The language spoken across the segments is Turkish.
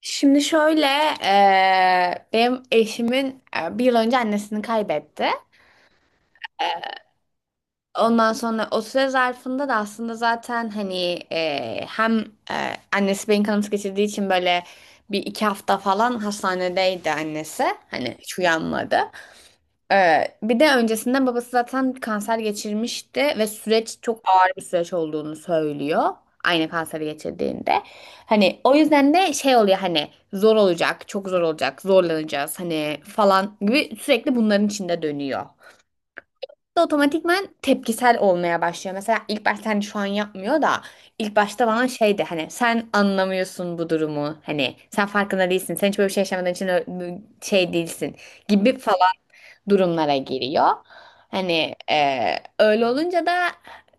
Şimdi şöyle, benim eşimin bir yıl önce annesini kaybetti. Ondan sonra o süre zarfında da aslında zaten hani hem annesi beyin kanaması geçirdiği için böyle bir iki hafta falan hastanedeydi annesi. Hani hiç uyanmadı. Bir de öncesinde babası zaten kanser geçirmişti ve süreç çok ağır bir süreç olduğunu söylüyor. Aynı kanseri geçirdiğinde. Hani o yüzden de şey oluyor hani zor olacak, çok zor olacak, zorlanacağız hani falan gibi sürekli bunların içinde dönüyor da otomatikman tepkisel olmaya başlıyor. Mesela ilk başta hani şu an yapmıyor da ilk başta bana şeydi hani sen anlamıyorsun bu durumu. Hani sen farkında değilsin. Sen hiç böyle bir şey yaşamadığın için şey değilsin gibi falan durumlara giriyor. Hani öyle olunca da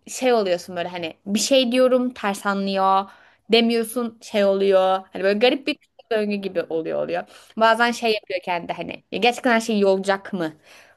şey oluyorsun böyle hani bir şey diyorum ters anlıyor. Demiyorsun şey oluyor. Hani böyle garip bir döngü gibi oluyor. Bazen şey yapıyor kendi hani "Ya gerçekten her şey iyi olacak mı?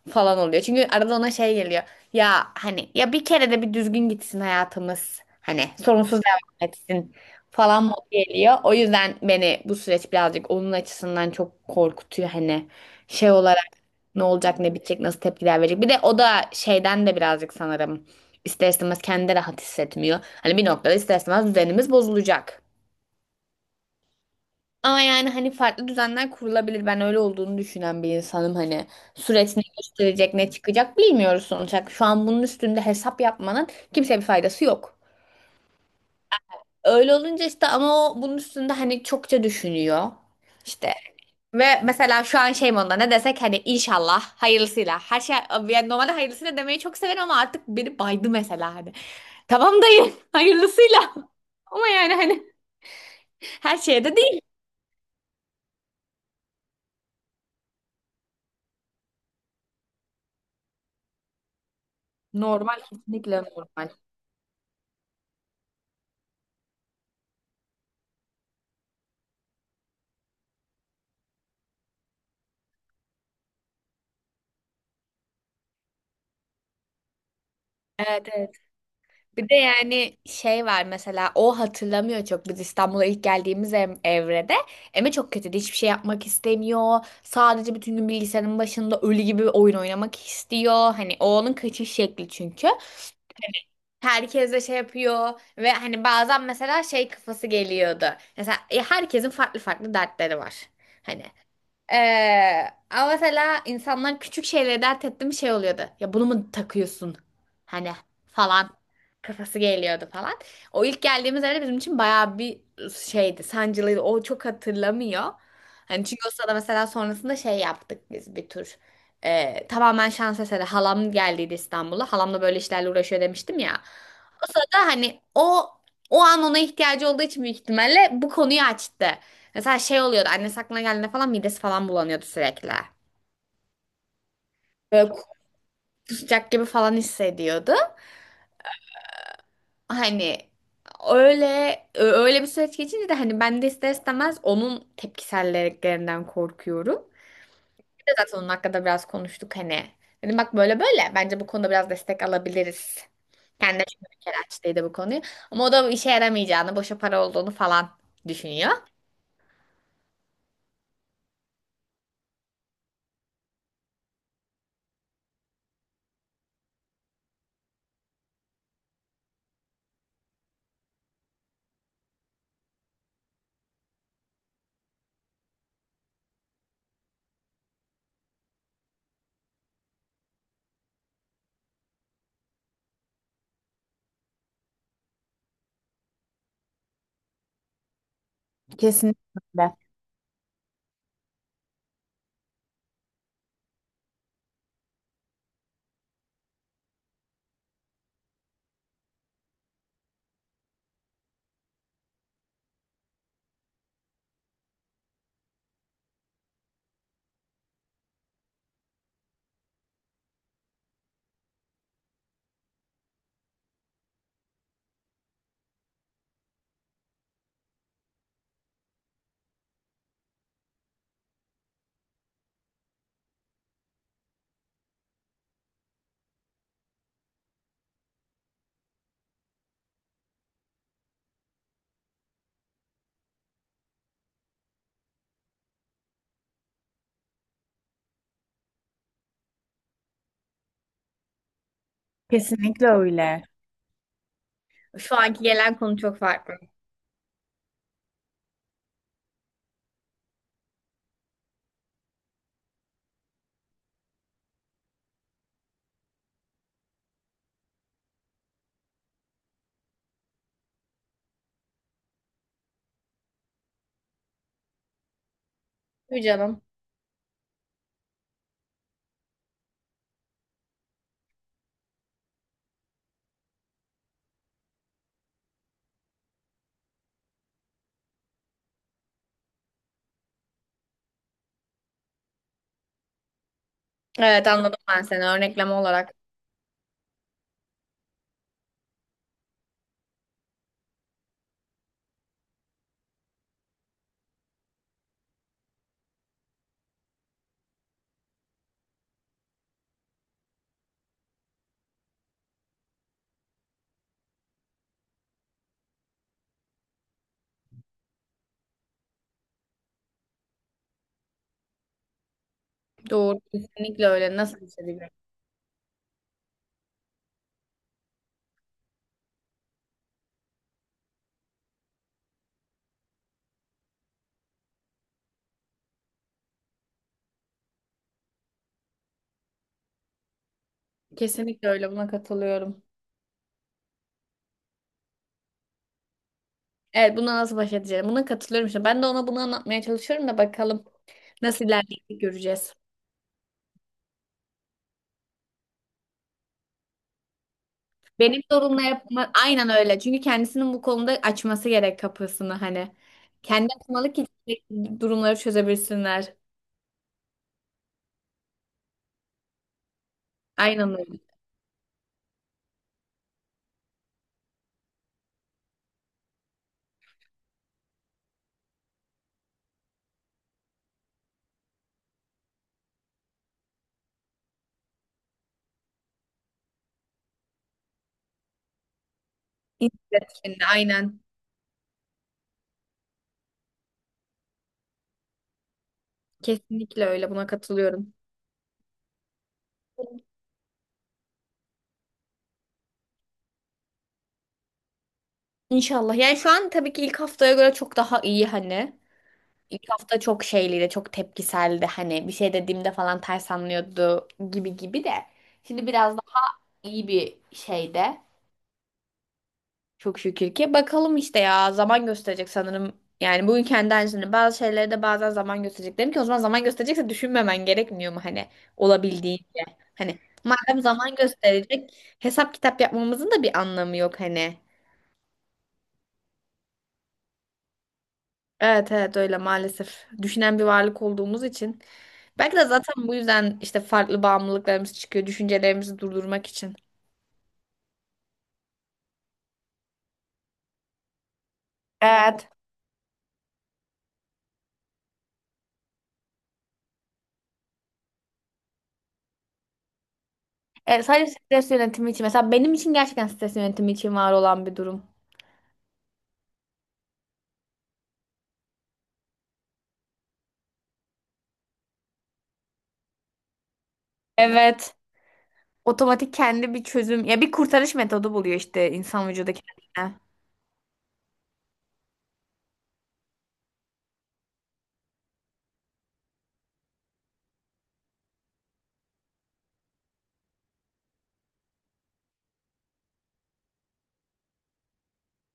Falan oluyor. Çünkü arada ona şey geliyor. Ya hani ya bir kere de bir düzgün gitsin hayatımız. Hani sorunsuz devam etsin falan modu geliyor. O yüzden beni bu süreç birazcık onun açısından çok korkutuyor. Hani şey olarak ne olacak ne bitecek nasıl tepkiler verecek. Bir de o da şeyden de birazcık sanırım ister istemez kendi de rahat hissetmiyor. Hani bir noktada ister istemez düzenimiz bozulacak. Ama yani hani farklı düzenler kurulabilir. Ben öyle olduğunu düşünen bir insanım hani. Süreç ne gösterecek, ne çıkacak bilmiyoruz sonuç olarak. Şu an bunun üstünde hesap yapmanın kimseye bir faydası yok. Öyle olunca işte ama o bunun üstünde hani çokça düşünüyor. İşte ve mesela şu an şey modunda ne desek hani inşallah hayırlısıyla. Her şey yani normalde hayırlısıyla demeyi çok severim ama artık beni baydı mesela hani. Tamam dayı hayırlısıyla. Ama yani hani her şeye de değil. Normal kesinlikle normal. Evet, evet. Bir de yani şey var mesela o hatırlamıyor çok biz İstanbul'a ilk geldiğimiz evrede Eme çok kötüydü hiçbir şey yapmak istemiyor sadece bütün gün bilgisayarın başında ölü gibi oyun oynamak istiyor hani o onun kaçış şekli çünkü herkes de şey yapıyor ve hani bazen mesela şey kafası geliyordu mesela herkesin farklı farklı dertleri var hani ama mesela insanlar küçük şeyleri dert etti şey oluyordu. Ya bunu mu takıyorsun? Hani falan kafası geliyordu falan. O ilk geldiğimiz evde bizim için bayağı bir şeydi, sancılıydı. O çok hatırlamıyor. Hani çünkü o sırada mesela sonrasında şey yaptık biz bir tur. Tamamen şans eseri halam geldiydi İstanbul'a. Halam da böyle işlerle uğraşıyor demiştim ya. O sırada hani o an ona ihtiyacı olduğu için büyük ihtimalle bu konuyu açtı. Mesela şey oluyordu annesi aklına geldiğinde falan midesi falan bulanıyordu sürekli. Böyle kusacak gibi falan hissediyordu. Hani öyle öyle bir süreç geçince de hani ben de ister istemez onun tepkiselliklerinden korkuyorum. Bir de zaten onun hakkında biraz konuştuk hani. Dedim bak böyle bence bu konuda biraz destek alabiliriz. Kendine çünkü bir kere açtıydı bu konuyu. Ama o da işe yaramayacağını, boşa para olduğunu falan düşünüyor. Kesinlikle. Öyle. Kesinlikle öyle. Şu anki gelen konu çok farklı. Tabii canım. Evet anladım ben seni örnekleme olarak. Doğru kesinlikle öyle. Nasıl baş edeceğim? Kesinlikle öyle buna katılıyorum. Evet buna nasıl baş edeceğim? Buna katılıyorum işte. Ben de ona bunu anlatmaya çalışıyorum da bakalım nasıl ilerleyecek göreceğiz. Benim sorumla yapma aynen öyle. Çünkü kendisinin bu konuda açması gerek kapısını hani. Kendi açmalı ki durumları çözebilsinler. Aynen öyle. İnisiyatifinde aynen. Kesinlikle öyle buna katılıyorum. İnşallah. Yani şu an tabii ki ilk haftaya göre çok daha iyi hani. İlk hafta çok şeyliydi, çok tepkiseldi. Hani bir şey dediğimde falan ters anlıyordu gibi gibi de. Şimdi biraz daha iyi bir şeyde. Çok şükür ki. Bakalım işte ya zaman gösterecek sanırım. Yani bugün kendi aynısını. Bazı şeyleri de bazen zaman gösterecek. Dedim ki o zaman zaman gösterecekse düşünmemen gerekmiyor mu hani olabildiğince. Hani madem zaman gösterecek hesap kitap yapmamızın da bir anlamı yok hani. Evet evet öyle maalesef. Düşünen bir varlık olduğumuz için. Belki de zaten bu yüzden işte farklı bağımlılıklarımız çıkıyor. Düşüncelerimizi durdurmak için. Evet. Evet, sadece stres yönetimi için. Mesela benim için gerçekten stres yönetimi için var olan bir durum. Evet. Otomatik kendi bir çözüm ya bir kurtarış metodu buluyor işte insan vücudu kendine.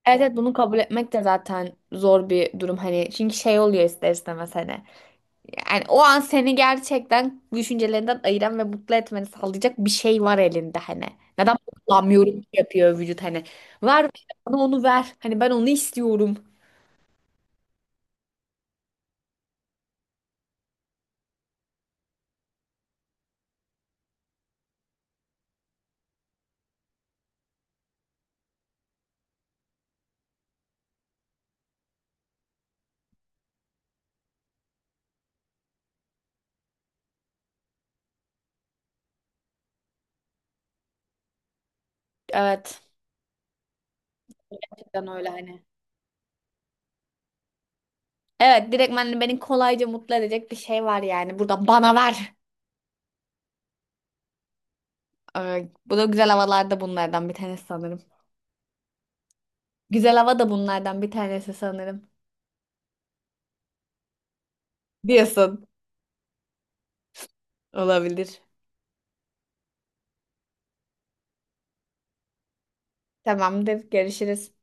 Evet, evet bunu kabul etmek de zaten zor bir durum hani çünkü şey oluyor ister istemez hani. Yani o an seni gerçekten düşüncelerinden ayıran ve mutlu etmeni sağlayacak bir şey var elinde hani. Neden kullanmıyorum ki yapıyor vücut hani. Ver bana onu ver. Hani ben onu istiyorum. Evet. Gerçekten öyle hani. Evet direktmen beni kolayca mutlu edecek bir şey var yani. Burada bana ver. Bu da güzel havalarda bunlardan bir tanesi sanırım. Güzel hava da bunlardan bir tanesi sanırım. Diyorsun. Olabilir. Tamamdır. Görüşürüz.